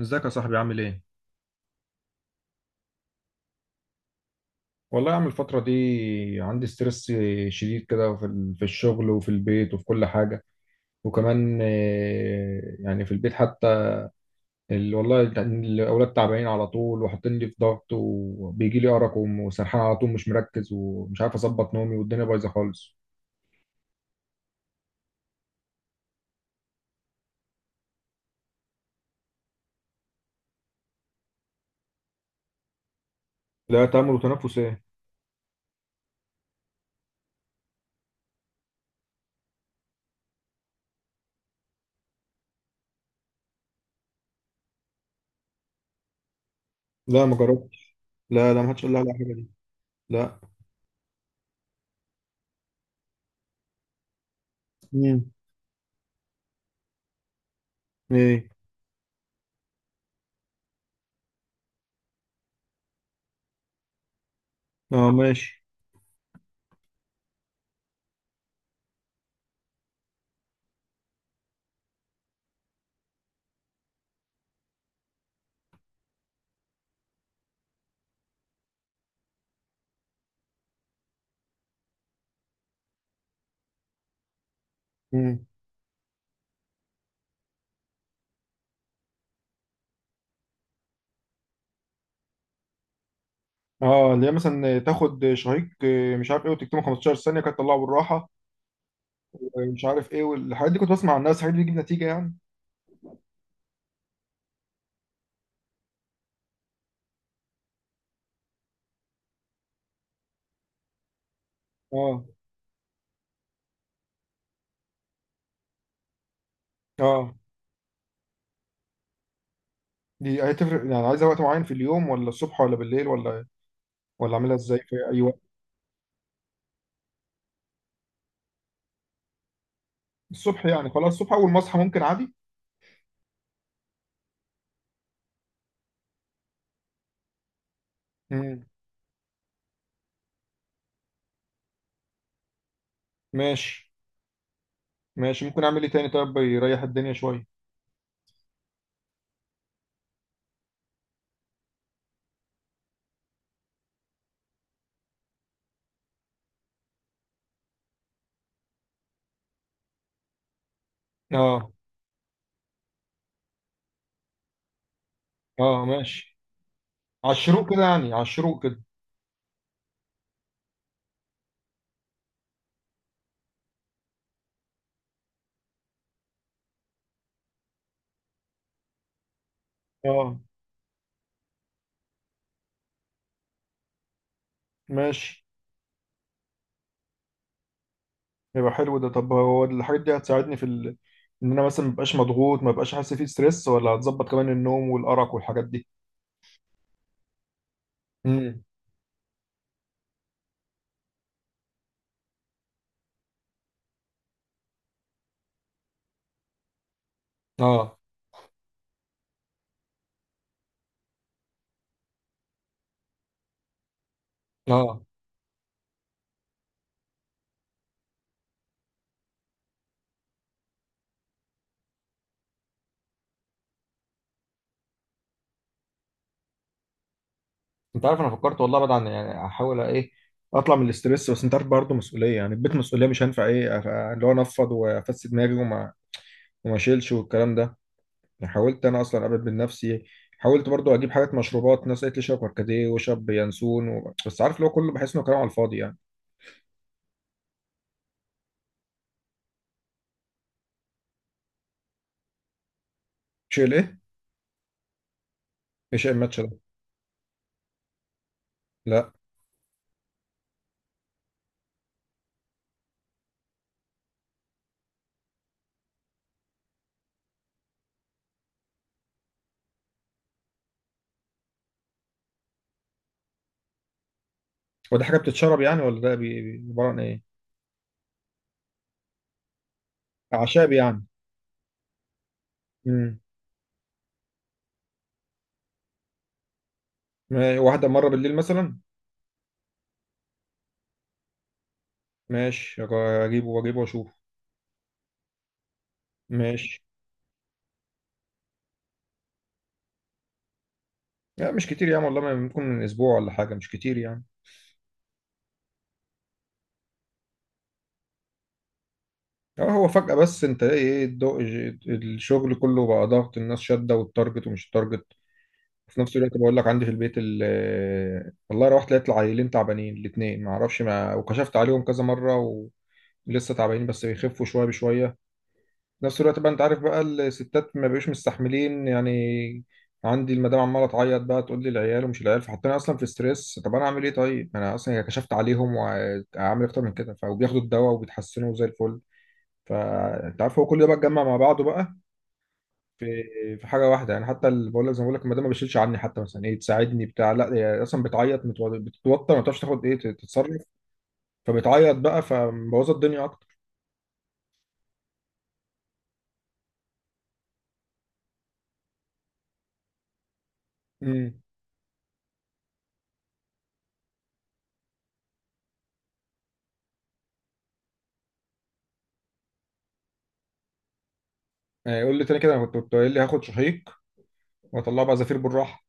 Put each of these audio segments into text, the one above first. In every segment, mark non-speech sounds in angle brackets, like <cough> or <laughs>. ازيك يا صاحبي، عامل ايه؟ والله عامل الفترة دي عندي ستريس شديد كده في الشغل وفي البيت وفي كل حاجة. وكمان يعني في البيت حتى الأولاد تعبانين على طول، وحاطين لي في ضغط، وبيجي لي أرق وسرحان على طول، مش مركز ومش عارف أظبط نومي، والدنيا بايظة خالص. لا، تأمل وتنفس إيه؟ لا، ما جربتش. لا، لا، ما حدش قال لي على الحاجة دي. لا. امم. إيه. أه، ماشي. امم. اه، اللي هي مثلا تاخد شهيق، مش عارف ايه، وتكتمه 15 ثانية، كانت تطلعه بالراحة. مش عارف ايه، والحاجات دي كنت بسمع عن الناس الحاجات دي بتجيب نتيجه يعني. اه. اه، دي هتفرق يعني؟ عايزه وقت معين في اليوم، ولا الصبح ولا بالليل، ولا اعملها ازاي في اي وقت؟ الصبح يعني، خلاص الصبح اول ما اصحى ممكن عادي. امم. ماشي. ماشي، ممكن اعمل ايه تاني طيب يريح الدنيا شويه؟ اه. اه، ماشي. على الشروق كده يعني، على الشروق كده. اه، ماشي. يبقى حلو ده. طب هو الحاجات دي هتساعدني في ان انا مثلا مبقاش مضغوط، مبقاش حاسس فيه ستريس، ولا هتظبط كمان النوم والارق والحاجات دي؟ امم. اه. اه، انت عارف انا فكرت والله، بعد عن يعني احاول ايه اطلع من الاسترس، بس انت عارف برضه مسؤوليه، يعني البيت مسؤوليه، مش هينفع ايه اللي هو انفض وافسد دماغي وما اشيلش والكلام ده. يعني حاولت انا اصلا ابعد من نفسي، حاولت برضه اجيب حاجات مشروبات، ناس قالت لي شرب كركديه وشرب ينسون بس عارف اللي هو كله بحس انه كلام على الفاضي يعني. شيل ايه؟ ايش الماتش ده؟ لا. هو دي حاجه بتتشرب يعني، ولا ده عباره عن ايه؟ اعشاب يعني. امم. واحده مره بالليل مثلا؟ ماشي، اجيبه واجيبه واشوف. ماشي. لا، مش كتير يعني، والله ما ممكن من اسبوع ولا حاجه، مش كتير يعني. اه هو فجاه، بس انت ايه الضوء؟ الشغل كله بقى ضغط، الناس شاده والتارجت ومش التارجت. في نفس الوقت بقول لك عندي في البيت، والله روحت لقيت العيلين تعبانين الاثنين، ما اعرفش، ما وكشفت عليهم كذا مره. ولسه تعبانين بس بيخفوا شويه بشويه. نفس الوقت بقى انت عارف بقى الستات ما بقوش مستحملين يعني. عندي المدام عماله تعيط بقى، تقول لي العيال ومش العيال، فحطينا اصلا في ستريس. طب انا اعمل ايه طيب، انا اصلا كشفت عليهم واعمل اكتر من كده، فبياخدوا الدواء وبيتحسنوا زي الفل. فانت عارف هو كل ده بقى اتجمع مع بعضه بقى في في حاجه واحده يعني. حتى اللي بقول لك، زي ما بقول لك المدام ما بتشيلش عني، حتى مثلا ايه تساعدني بتاع، لا، هي اصلا بتعيط، بتتوتر، ما بتعرفش تاخد ايه تتصرف. فبتعيط بقى فمبوظه الدنيا اكتر. امم. قول لي تاني كده، انا كنت قايل لي هاخد شهيق واطلعه بقى زفير بالراحه.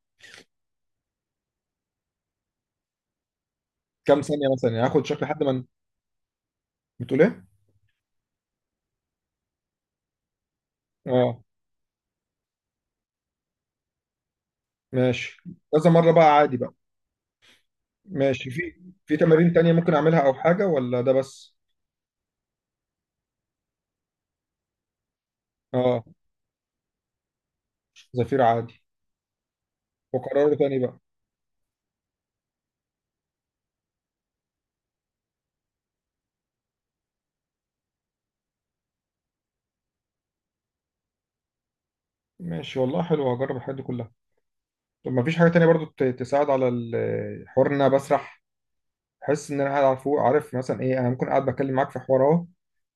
كام ثانية مثلا يعني هاخد، شكل لحد ما بتقول ايه؟ اه، ماشي. كذا مرة بقى عادي بقى. ماشي، في تمارين تانية ممكن اعملها او حاجة ولا ده بس؟ اه. زفير عادي. وقرار تاني بقى. ماشي والله، حلو، هجرب الحاجات دي كلها. طب ما فيش حاجة تانية برضو تساعد على الحوار ان انا بسرح؟ احس ان انا قاعد على فوق، عارف مثلا ايه، انا ممكن قاعد بتكلم معاك في حوار اهو،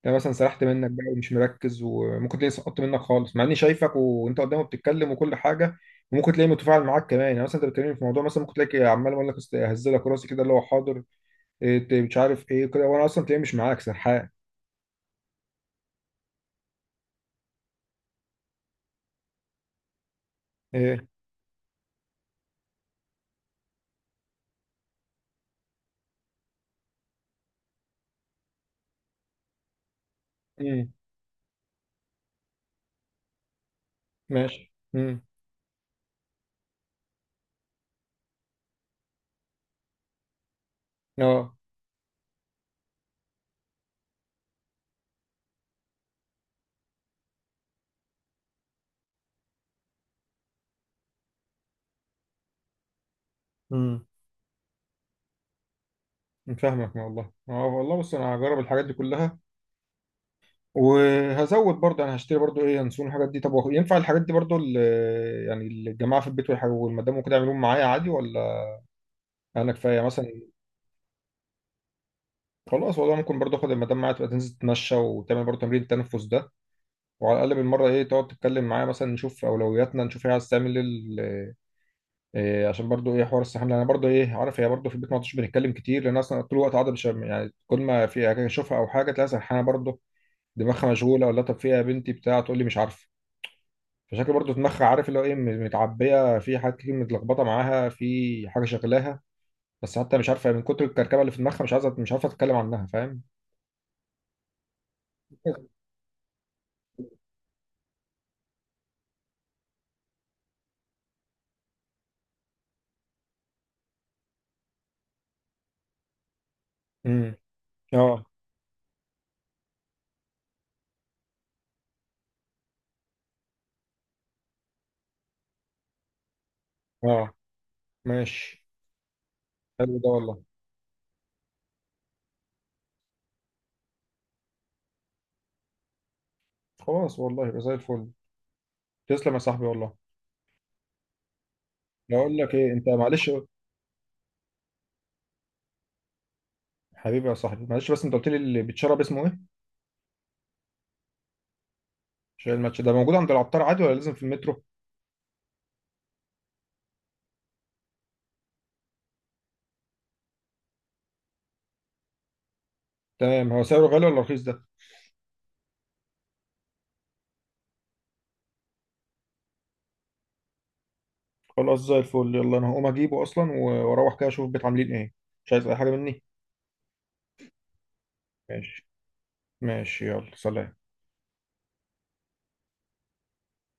ده مثلا سرحت منك بقى ومش مركز، وممكن تلاقي سقطت منك خالص مع اني شايفك وانت قدامي بتتكلم وكل حاجه. وممكن تلاقي متفاعل معاك كمان يعني، مثلا انت بتكلمني في موضوع، مثلا ممكن تلاقي عمال اقول لك اهزلك راسي كده، اللي هو حاضر، إيه، مش عارف ايه كده، وانا اصلا تلاقي مش معاك، سرحان. ايه. امم. ماشي. امم. اه. امم. فاهمك والله. اه والله، بص انا هجرب الحاجات دي كلها، وهزود برضه انا هشتري برضه ايه ينسون الحاجات دي. طب هو ينفع الحاجات دي برضه يعني الجماعه في البيت والحاجة والمدام وكده يعملوهم معايا عادي، ولا انا كفايه مثلا؟ خلاص والله، ممكن برضه اخد المدام معايا، تبقى تنزل تتمشى وتعمل برضه تمرين التنفس ده، وعلى الاقل بالمره ايه، تقعد تتكلم معايا مثلا، نشوف اولوياتنا، نشوف هي عايز تعمل ايه إيه، عشان برضه ايه حوار السحاب. لأن انا برضه ايه عارف، هي برضه في البيت ما عدتش بنتكلم كتير، لان اصلا طول الوقت قاعده مش يعني، كل ما في حاجه اشوفها او حاجه تلاقيها سرحانه برضه، دماغها مشغوله، ولا طب فيها يا بنتي بتاع، تقول لي مش عارفه. فشكل برضو دماغها، عارف اللي هو ايه، متعبيه في حاجات كتير، متلخبطه معاها في حاجه شغلاها، بس حتى مش عارفه من كتر الكركبه اللي في دماغها، مش عايزه مش عارفه تتكلم عنها، فاهم. <laughs> امم. اه. اه، ماشي. حلو ده والله. خلاص والله، يبقى زي الفل. تسلم يا صاحبي والله. بقول لك ايه انت، معلش حبيبي يا صاحبي، معلش بس انت قلت لي اللي بيتشرب اسمه ايه؟ عشان الماتش ده موجود عند العطار عادي، ولا لازم في المترو؟ تمام. هو سعره غالي ولا رخيص ده؟ خلاص، زي الفل، يلا انا هقوم اجيبه اصلا، واروح كده اشوف البيت عاملين ايه. مش عايز اي حاجه مني؟ ماشي. ماشي، يلا سلام.